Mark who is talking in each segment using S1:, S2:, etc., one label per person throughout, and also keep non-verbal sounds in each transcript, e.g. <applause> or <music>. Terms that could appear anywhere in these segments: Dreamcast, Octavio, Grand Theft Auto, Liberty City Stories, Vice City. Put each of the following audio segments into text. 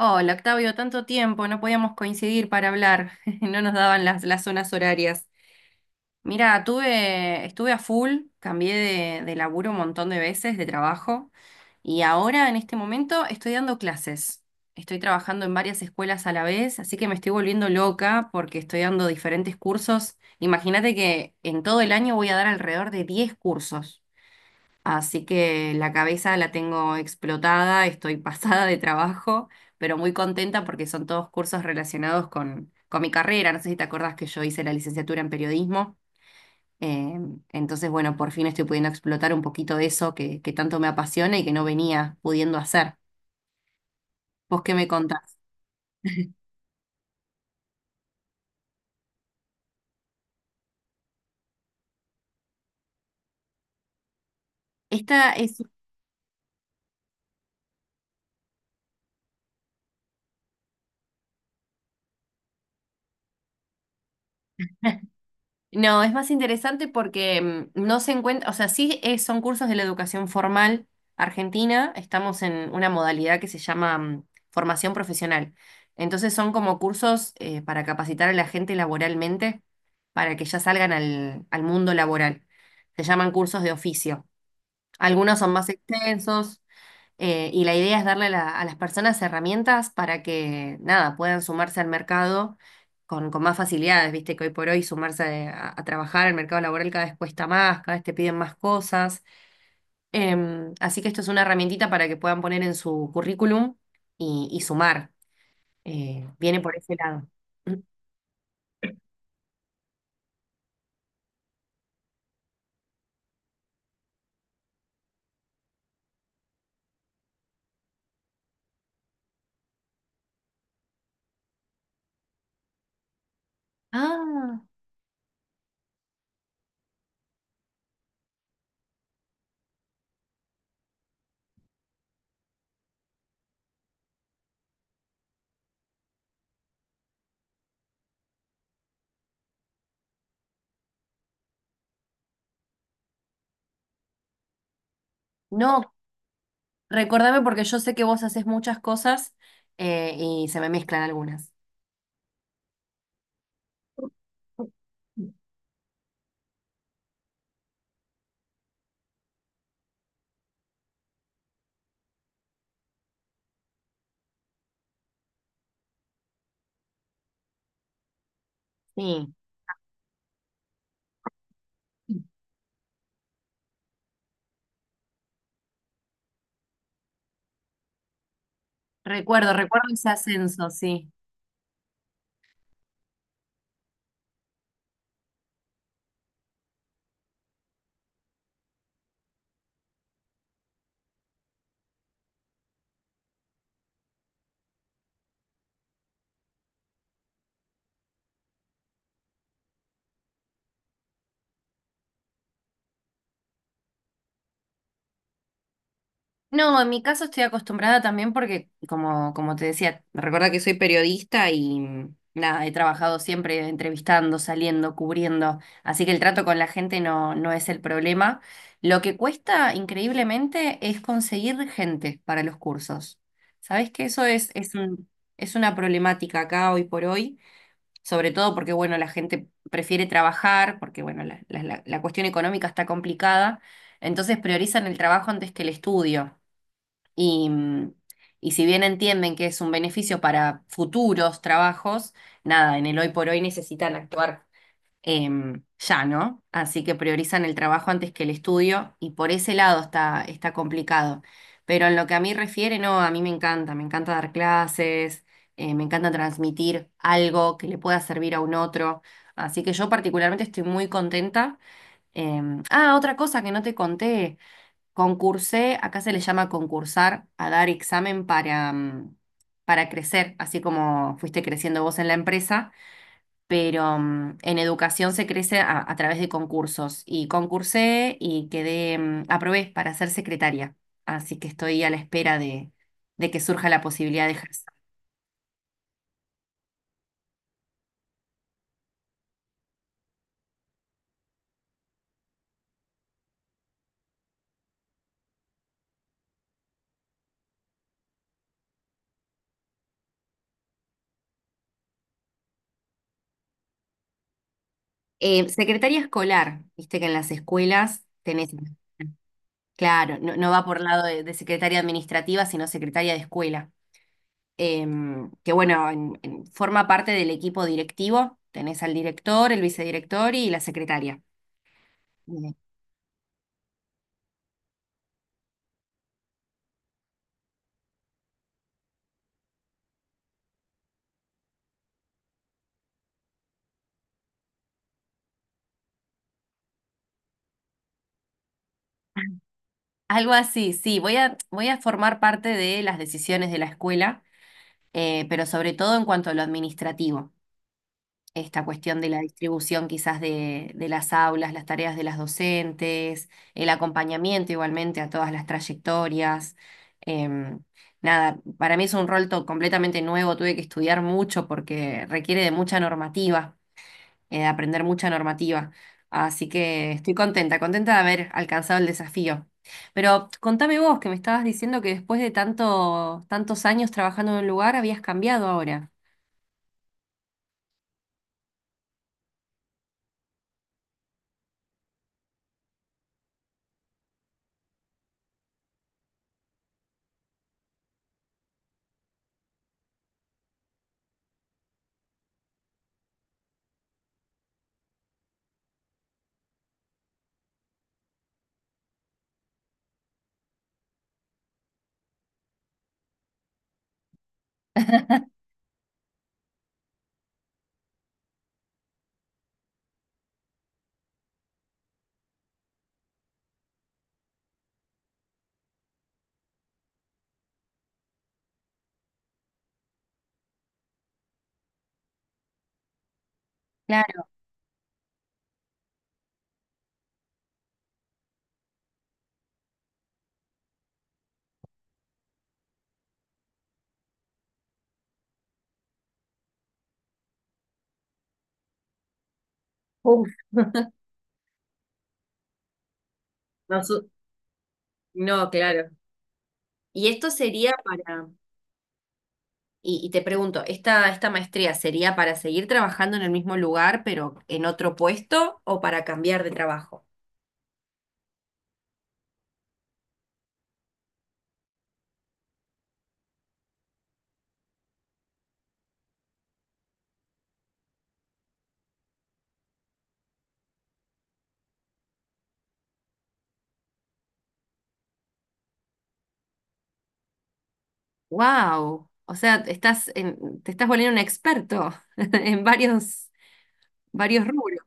S1: Hola, Octavio, tanto tiempo, no podíamos coincidir para hablar, <laughs> no nos daban las zonas horarias. Mira, estuve a full, cambié de laburo un montón de veces, de trabajo, y ahora en este momento estoy dando clases. Estoy trabajando en varias escuelas a la vez, así que me estoy volviendo loca porque estoy dando diferentes cursos. Imagínate que en todo el año voy a dar alrededor de 10 cursos. Así que la cabeza la tengo explotada, estoy <laughs> pasada de trabajo, pero muy contenta porque son todos cursos relacionados con mi carrera. No sé si te acordás que yo hice la licenciatura en periodismo. eh, entonces, bueno, por fin estoy pudiendo explotar un poquito de eso que tanto me apasiona y que no venía pudiendo hacer. ¿Vos qué me contás? <laughs> Esta es... <laughs> No, es más interesante porque no se encuentra, o sea, son cursos de la educación formal argentina, estamos en una modalidad que se llama formación profesional. Entonces son como cursos para capacitar a la gente laboralmente, para que ya salgan al mundo laboral. Se llaman cursos de oficio. Algunos son más extensos. Y la idea es a las personas herramientas para que, nada, puedan sumarse al mercado con más facilidades, viste que hoy por hoy sumarse a trabajar al mercado laboral cada vez cuesta más, cada vez te piden más cosas. Así que esto es una herramientita para que puedan poner en su currículum y sumar. Viene por ese lado. <clears throat> Ah, no, recordame porque yo sé que vos haces muchas cosas y se me mezclan algunas. Sí. Recuerdo ese ascenso, sí. No, en mi caso estoy acostumbrada también porque, como te decía, recuerda que soy periodista y nada, he trabajado siempre entrevistando, saliendo, cubriendo, así que el trato con la gente no es el problema. Lo que cuesta increíblemente es conseguir gente para los cursos. ¿Sabes que eso es una problemática acá hoy por hoy? Sobre todo porque, bueno, la gente prefiere trabajar, porque, bueno, la cuestión económica está complicada, entonces priorizan el trabajo antes que el estudio. Y, y si bien entienden que es un beneficio para futuros trabajos, nada, en el hoy por hoy necesitan actuar ya, ¿no? Así que priorizan el trabajo antes que el estudio y por ese lado está complicado. Pero en lo que a mí refiere, no, a mí me encanta dar clases, me encanta transmitir algo que le pueda servir a un otro. Así que yo particularmente estoy muy contenta. Ah, otra cosa que no te conté, concursé, acá se le llama concursar, a dar examen para, para crecer, así como fuiste creciendo vos en la empresa pero en educación se crece a través de concursos y concursé y quedé, aprobé para ser secretaria, así que estoy a la espera de que surja la posibilidad de ejercer. Secretaria escolar, viste que en las escuelas tenés, claro, no, no va por lado de secretaria administrativa, sino secretaria de escuela. Que bueno, forma parte del equipo directivo, tenés al director, el vicedirector y la secretaria. Algo así, sí, voy a formar parte de las decisiones de la escuela, pero sobre todo en cuanto a lo administrativo, esta cuestión de la distribución quizás de las aulas, las tareas de las docentes, el acompañamiento igualmente a todas las trayectorias. em, Nada, para mí es un rol completamente nuevo, tuve que estudiar mucho porque requiere de mucha normativa de aprender mucha normativa. Así que estoy contenta, contenta de haber alcanzado el desafío. Pero contame vos, que me estabas diciendo que después de tantos años trabajando en un lugar, habías cambiado ahora. <laughs> Claro. Uf, no, no, claro. Y esto sería para, y te pregunto, esta maestría sería para seguir trabajando en el mismo lugar, pero en otro puesto, o para cambiar de trabajo? ¡Wow! O sea, te estás volviendo un experto <laughs> en varios. Varios rubros.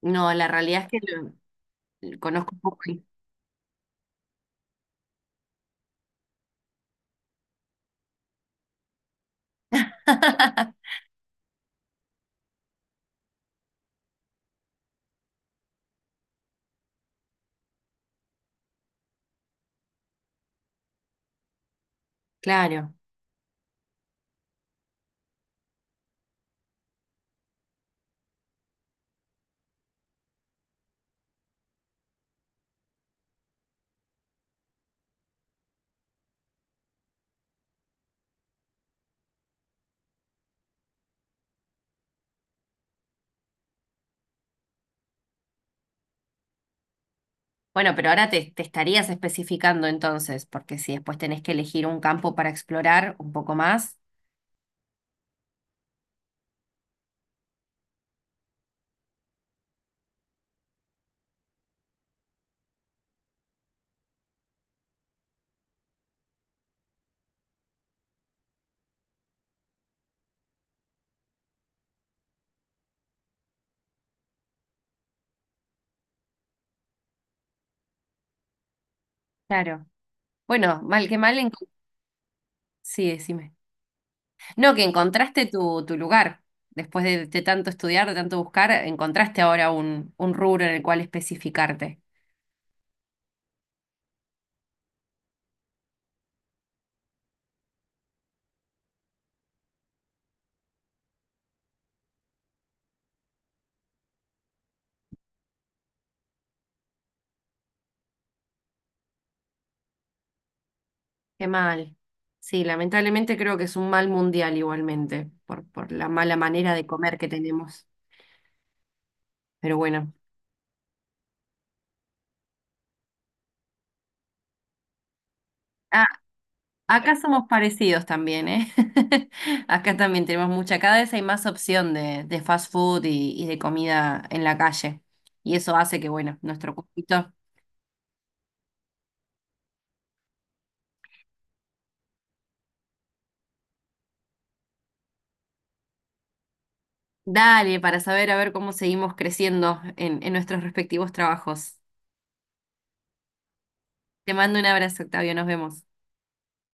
S1: No, la realidad es que lo conozco un poco. Ahí. <laughs> Claro. Bueno, pero ahora te estarías especificando entonces, porque si después tenés que elegir un campo para explorar un poco más. Claro. Bueno, mal que mal, sí, decime. No, que encontraste tu lugar. Después de tanto estudiar, de tanto buscar, encontraste ahora un rubro en el cual especificarte. Qué mal. Sí, lamentablemente creo que es un mal mundial igualmente, por la mala manera de comer que tenemos. Pero bueno. Ah, acá somos parecidos también, ¿eh? <laughs> Acá también tenemos mucha, cada vez hay más opción de fast food y de comida en la calle. Y eso hace que, bueno, nuestro cuerpito, dale, para saber a ver cómo seguimos creciendo en nuestros respectivos trabajos. Te mando un abrazo, Octavio, nos vemos.